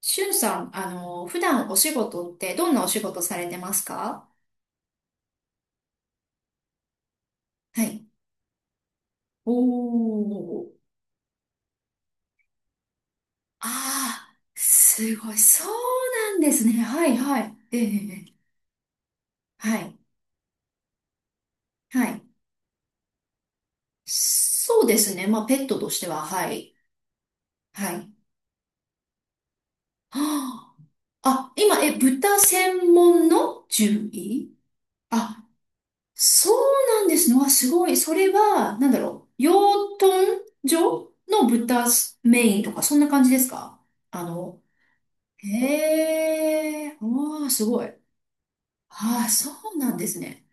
しゅんさん、普段お仕事ってどんなお仕事されてますか？はい。おー。ああ、すごい。そうなんですね。はい、はい。ええ、ええ。はい、はい。そうですね。まあ、ペットとしては、はい、はい。はあ、今、豚専門の獣医？あ、そうなんですね。わ、すごい。それは、なんだろう。養豚場の豚メインとか、そんな感じですか？あの、へえ、おー、すごい。ああ、そうなんですね。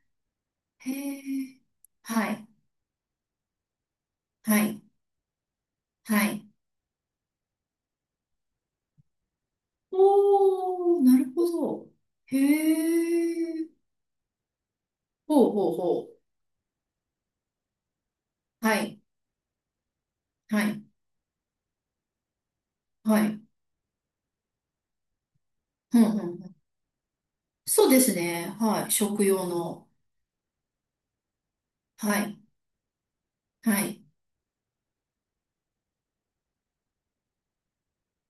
へえ、はい、はい、はい。おー、なるほど。へえ、ほうほうほう。はい、はい、はい。ふんふんふん。そうですね。はい、食用の。はい、はい。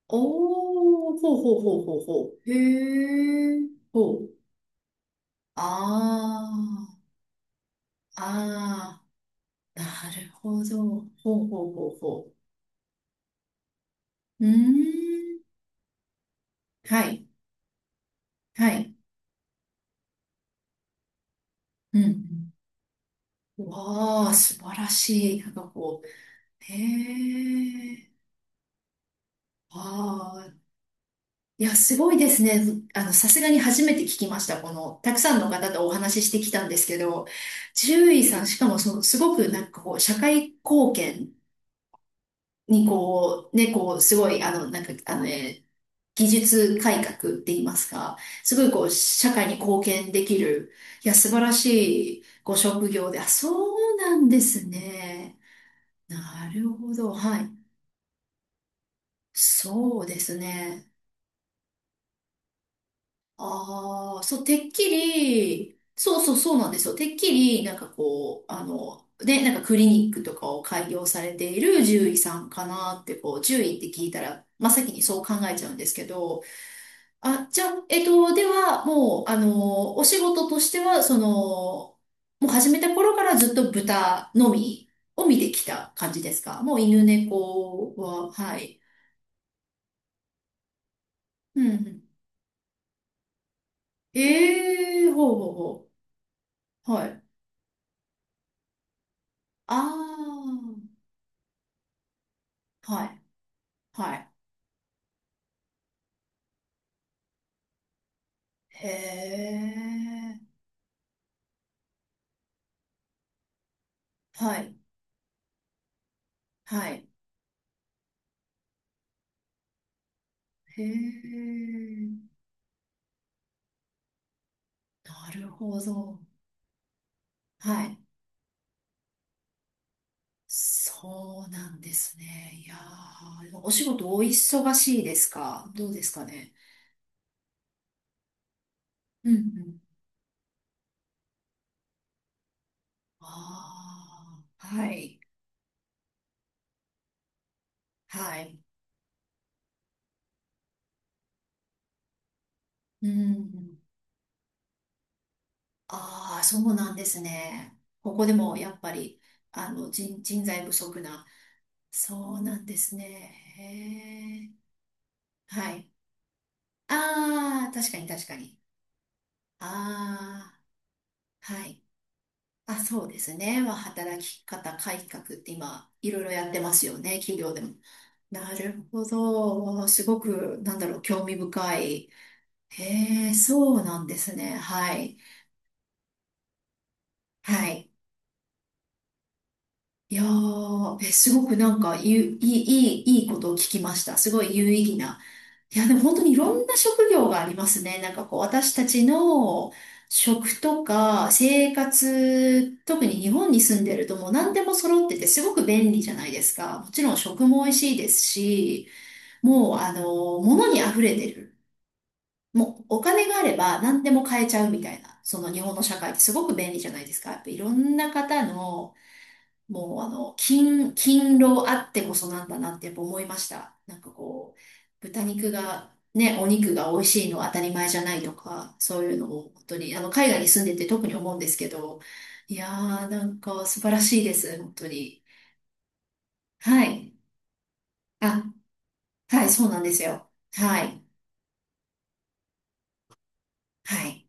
おー、ほうほうほうほうほう。へえ、ほう。ああ、ああ、なるほど。ほうほうほうほう。うーん。はい、はい。うん。うん、わあ、素晴らしい。へえ。ああ、いや、すごいですね。さすがに初めて聞きました。この、たくさんの方とお話ししてきたんですけど、獣医さん、しかもその、すごく社会貢献にこう、ね、こう、すごい、技術改革って言いますか、すごいこう、社会に貢献できる、いや、素晴らしいご職業で、そうなんですね。なるほど、はい。そうですね。ああ、そう、てっきり、そうなんですよ。てっきり、なんかこう、あの、で、なんかクリニックとかを開業されている獣医さんかなって、こう、獣医って聞いたら、真っ先にそう考えちゃうんですけど。じゃあ、えっと、では、もう、あの、お仕事としては、始めた頃からずっと豚のみを見てきた感じですか？もう犬猫は、はい。うんうん。ええ、ほうほうほう。はい。ああ、はい、はい。へえ、はい、はい。へえ、なるほど。はい。そうなんですね。いやー、でもお仕事お忙しいですか、どうですかね？うんうん。ああ、はい、はい。うん。ああ、そうなんですね。ここでもやっぱり、人材不足な。そうなんですね。へえ。はい。ああ、確かに確かに。ああ、はい。あ、そうですね。まあ、働き方改革って今、いろいろやってますよね、企業でも。なるほど。わあ、すごく、なんだろう、興味深い。へえ、そうなんですね。はい。はい。いやー、すごくなんか、ゆ、いい、いい、いいことを聞きました。すごい有意義な。いや、でも本当にいろんな職業がありますね。なんかこう、私たちの食とか生活、特に日本に住んでるともう何でも揃っててすごく便利じゃないですか。もちろん食も美味しいですし、もうあの、物に溢れてる。もうお金があれば何でも買えちゃうみたいな、その日本の社会ってすごく便利じゃないですか。やっぱいろんな方の、もうあの、勤、勤労あってこそなんだなってやっぱ思いました。なんかこう、豚肉が、ね、お肉が美味しいのは当たり前じゃないとか、そういうのを本当に、海外に住んでて特に思うんですけど、いやー、なんか素晴らしいです、本当に。はい。あ、はい、そうなんですよ。はい。はい。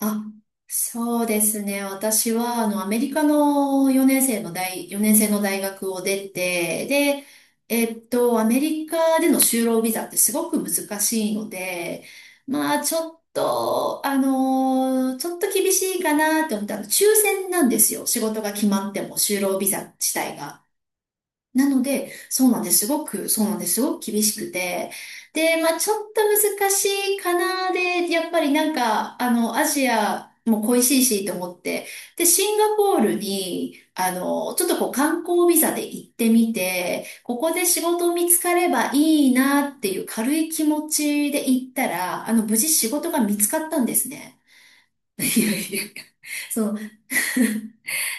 あ、そうですね。私は、アメリカの4年生の大学を出て、で、えっと、アメリカでの就労ビザってすごく難しいので、まあ、ちょっと厳しいかなって思ったら、抽選なんですよ。仕事が決まっても、就労ビザ自体が。なので、そうなんです。すごく、そうなんです。すごく厳しくて。で、まあちょっと難しいかなで、やっぱりなんか、アジアも恋しいしと思って、で、シンガポールに、ちょっとこう観光ビザで行ってみて、ここで仕事見つかればいいなっていう軽い気持ちで行ったら、無事仕事が見つかったんですね。いやいやいや、そう。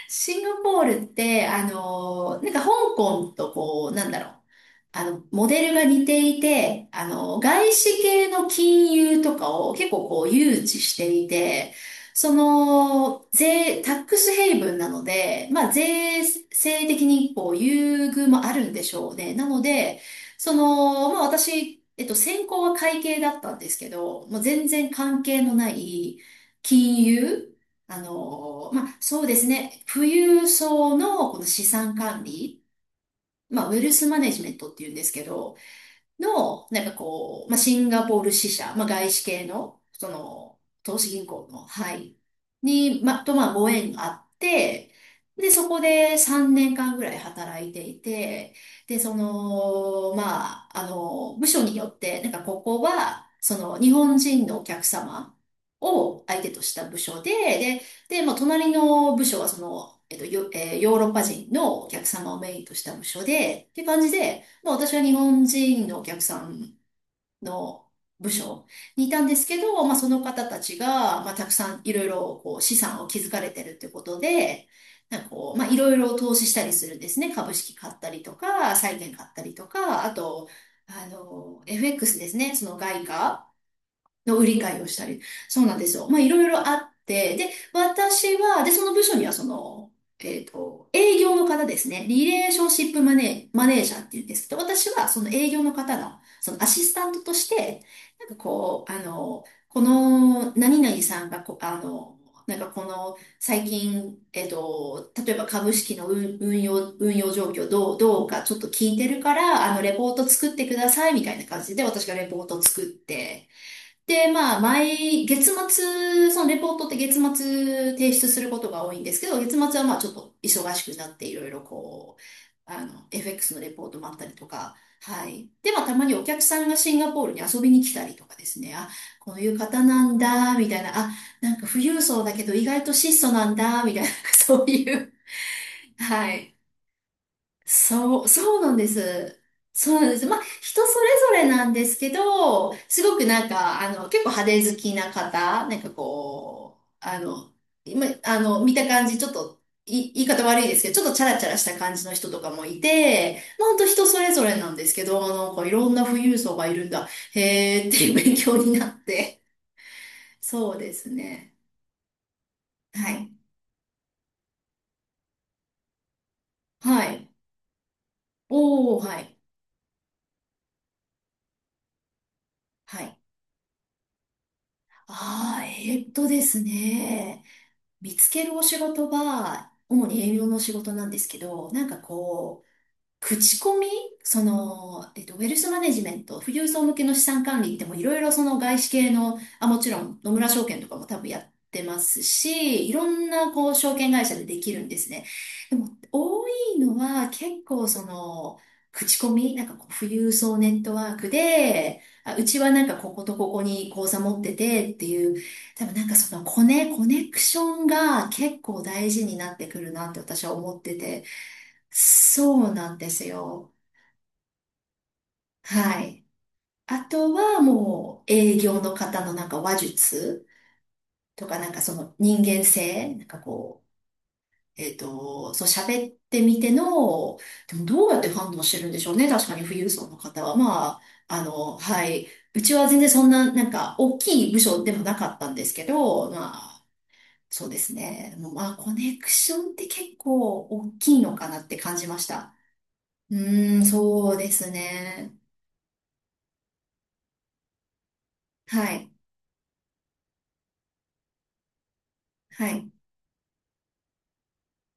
シンガポールって、香港とこう、なんだろう、モデルが似ていて、外資系の金融とかを結構こう誘致していて、タックスヘイブンなので、まあ、税制的にこう優遇もあるんでしょうね。なので、私、えっと、専攻は会計だったんですけど、もう全然関係のない金融、そうですね、富裕層のこの資産管理、まあ、ウェルスマネジメントっていうんですけど、の、シンガポール支社、まあ、外資系の、その、投資銀行の、はい、に、まあ、ご縁があって、で、そこで3年間ぐらい働いていて、で、部署によって、なんかここは、その、日本人のお客様を相手とした部署で、で、まあ、隣の部署はその、ヨーロッパ人のお客様をメインとした部署で、っていう感じで、まあ、私は日本人のお客さんの部署にいたんですけど、まあ、その方たちが、まあ、たくさんいろいろこう資産を築かれてるってことで、いろいろ投資したりするんですね。株式買ったりとか、債券買ったりとか、あと、FX ですね。その外貨の売り買いをしたり。そうなんですよ。まあ、いろいろあって、で、私は、で、その部署には、その、えっと、営業の方ですね。リレーションシップマネー、マネージャーっていうんですけど、私はその営業の方の、そのアシスタントとして、何々さんがこあの、なんかこの最近、えっと、例えば株式の運用状況どうかちょっと聞いてるから、レポート作ってくださいみたいな感じで私がレポートを作って、で、月末、そのレポートって月末提出することが多いんですけど、月末はまあちょっと忙しくなっていろいろこう、FX のレポートもあったりとか、はい。で、まあ、たまにお客さんがシンガポールに遊びに来たりとかですね、あ、こういう方なんだ、みたいな、富裕層だけど意外と質素なんだ、みたいな、そういう、はい。そうなんです。そうなんです。まあ、人それぞれなんですけど、すごくなんか、結構派手好きな方、なんかこう、あの、今、あの、見た感じ、ちょっと、い、言い方悪いですけど、ちょっとチャラチャラした感じの人とかもいて、まあ、ほんと人それぞれなんですけど、なんかいろんな富裕層がいるんだ、へーっていう 勉強になって。そうですね。はい。はい。おー、はい。はい。えーっとですね、見つけるお仕事は、主に営業の仕事なんですけど、なんかこう、口コミ、ウェルスマネジメント、富裕層向けの資産管理でもいろいろその外資系の、あ、もちろん野村証券とかも多分やってますし、いろんなこう証券会社でできるんですね。でも多いのは結構その、口コミ、なんかこう富裕層ネットワークで、あ、うちはなんかこことここに口座持っててっていう、多分なんかそのコネクションが結構大事になってくるなって私は思ってて。そうなんですよ。はい。あとはもう営業の方のなんか話術とか、なんかその人間性、そう喋ってみての、でもどうやって判断してるんでしょうね、確かに富裕層の方は。まあ、はい、うちは全然そんななんか大きい部署でもなかったんですけど、まあ、そうですね、もうまあ、コネクションって結構大きいのかなって感じました。うーん、そうですね。はい。はい。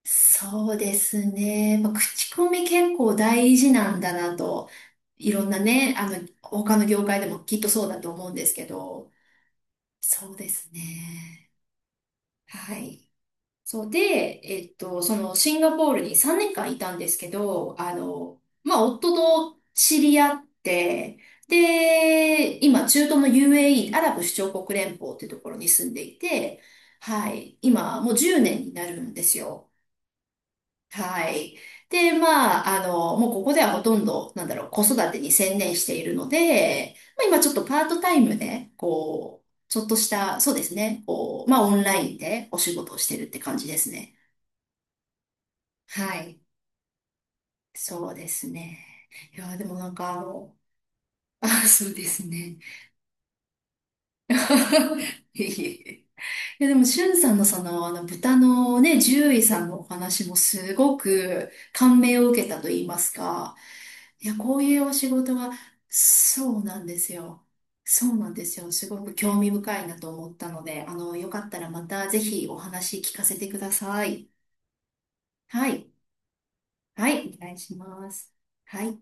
そうですね。まあ、口コミ結構大事なんだなと、いろんなね、他の業界でもきっとそうだと思うんですけど、そうですね。はい。そうで、えっと、そのシンガポールに3年間いたんですけど、夫と知り合って、で、今、中東の UAE、アラブ首長国連邦っていうところに住んでいて、はい。今、もう10年になるんですよ。はい。で、もうここではほとんど、なんだろう、子育てに専念しているので、まあ、今ちょっとパートタイムで、こう、ちょっとした、そうですね、こう、まあ、オンラインでお仕事をしてるって感じですね。はい。そうですね。いや、でもなんかあの、あ、そうですね。いえいえ、いや、でも、しゅんさんのその、豚のね、獣医さんのお話もすごく感銘を受けたと言いますか、いや、こういうお仕事は、そうなんですよ。そうなんですよ。すごく興味深いなと思ったので、よかったらまたぜひお話聞かせてください。はい。はい。お願いします。はい。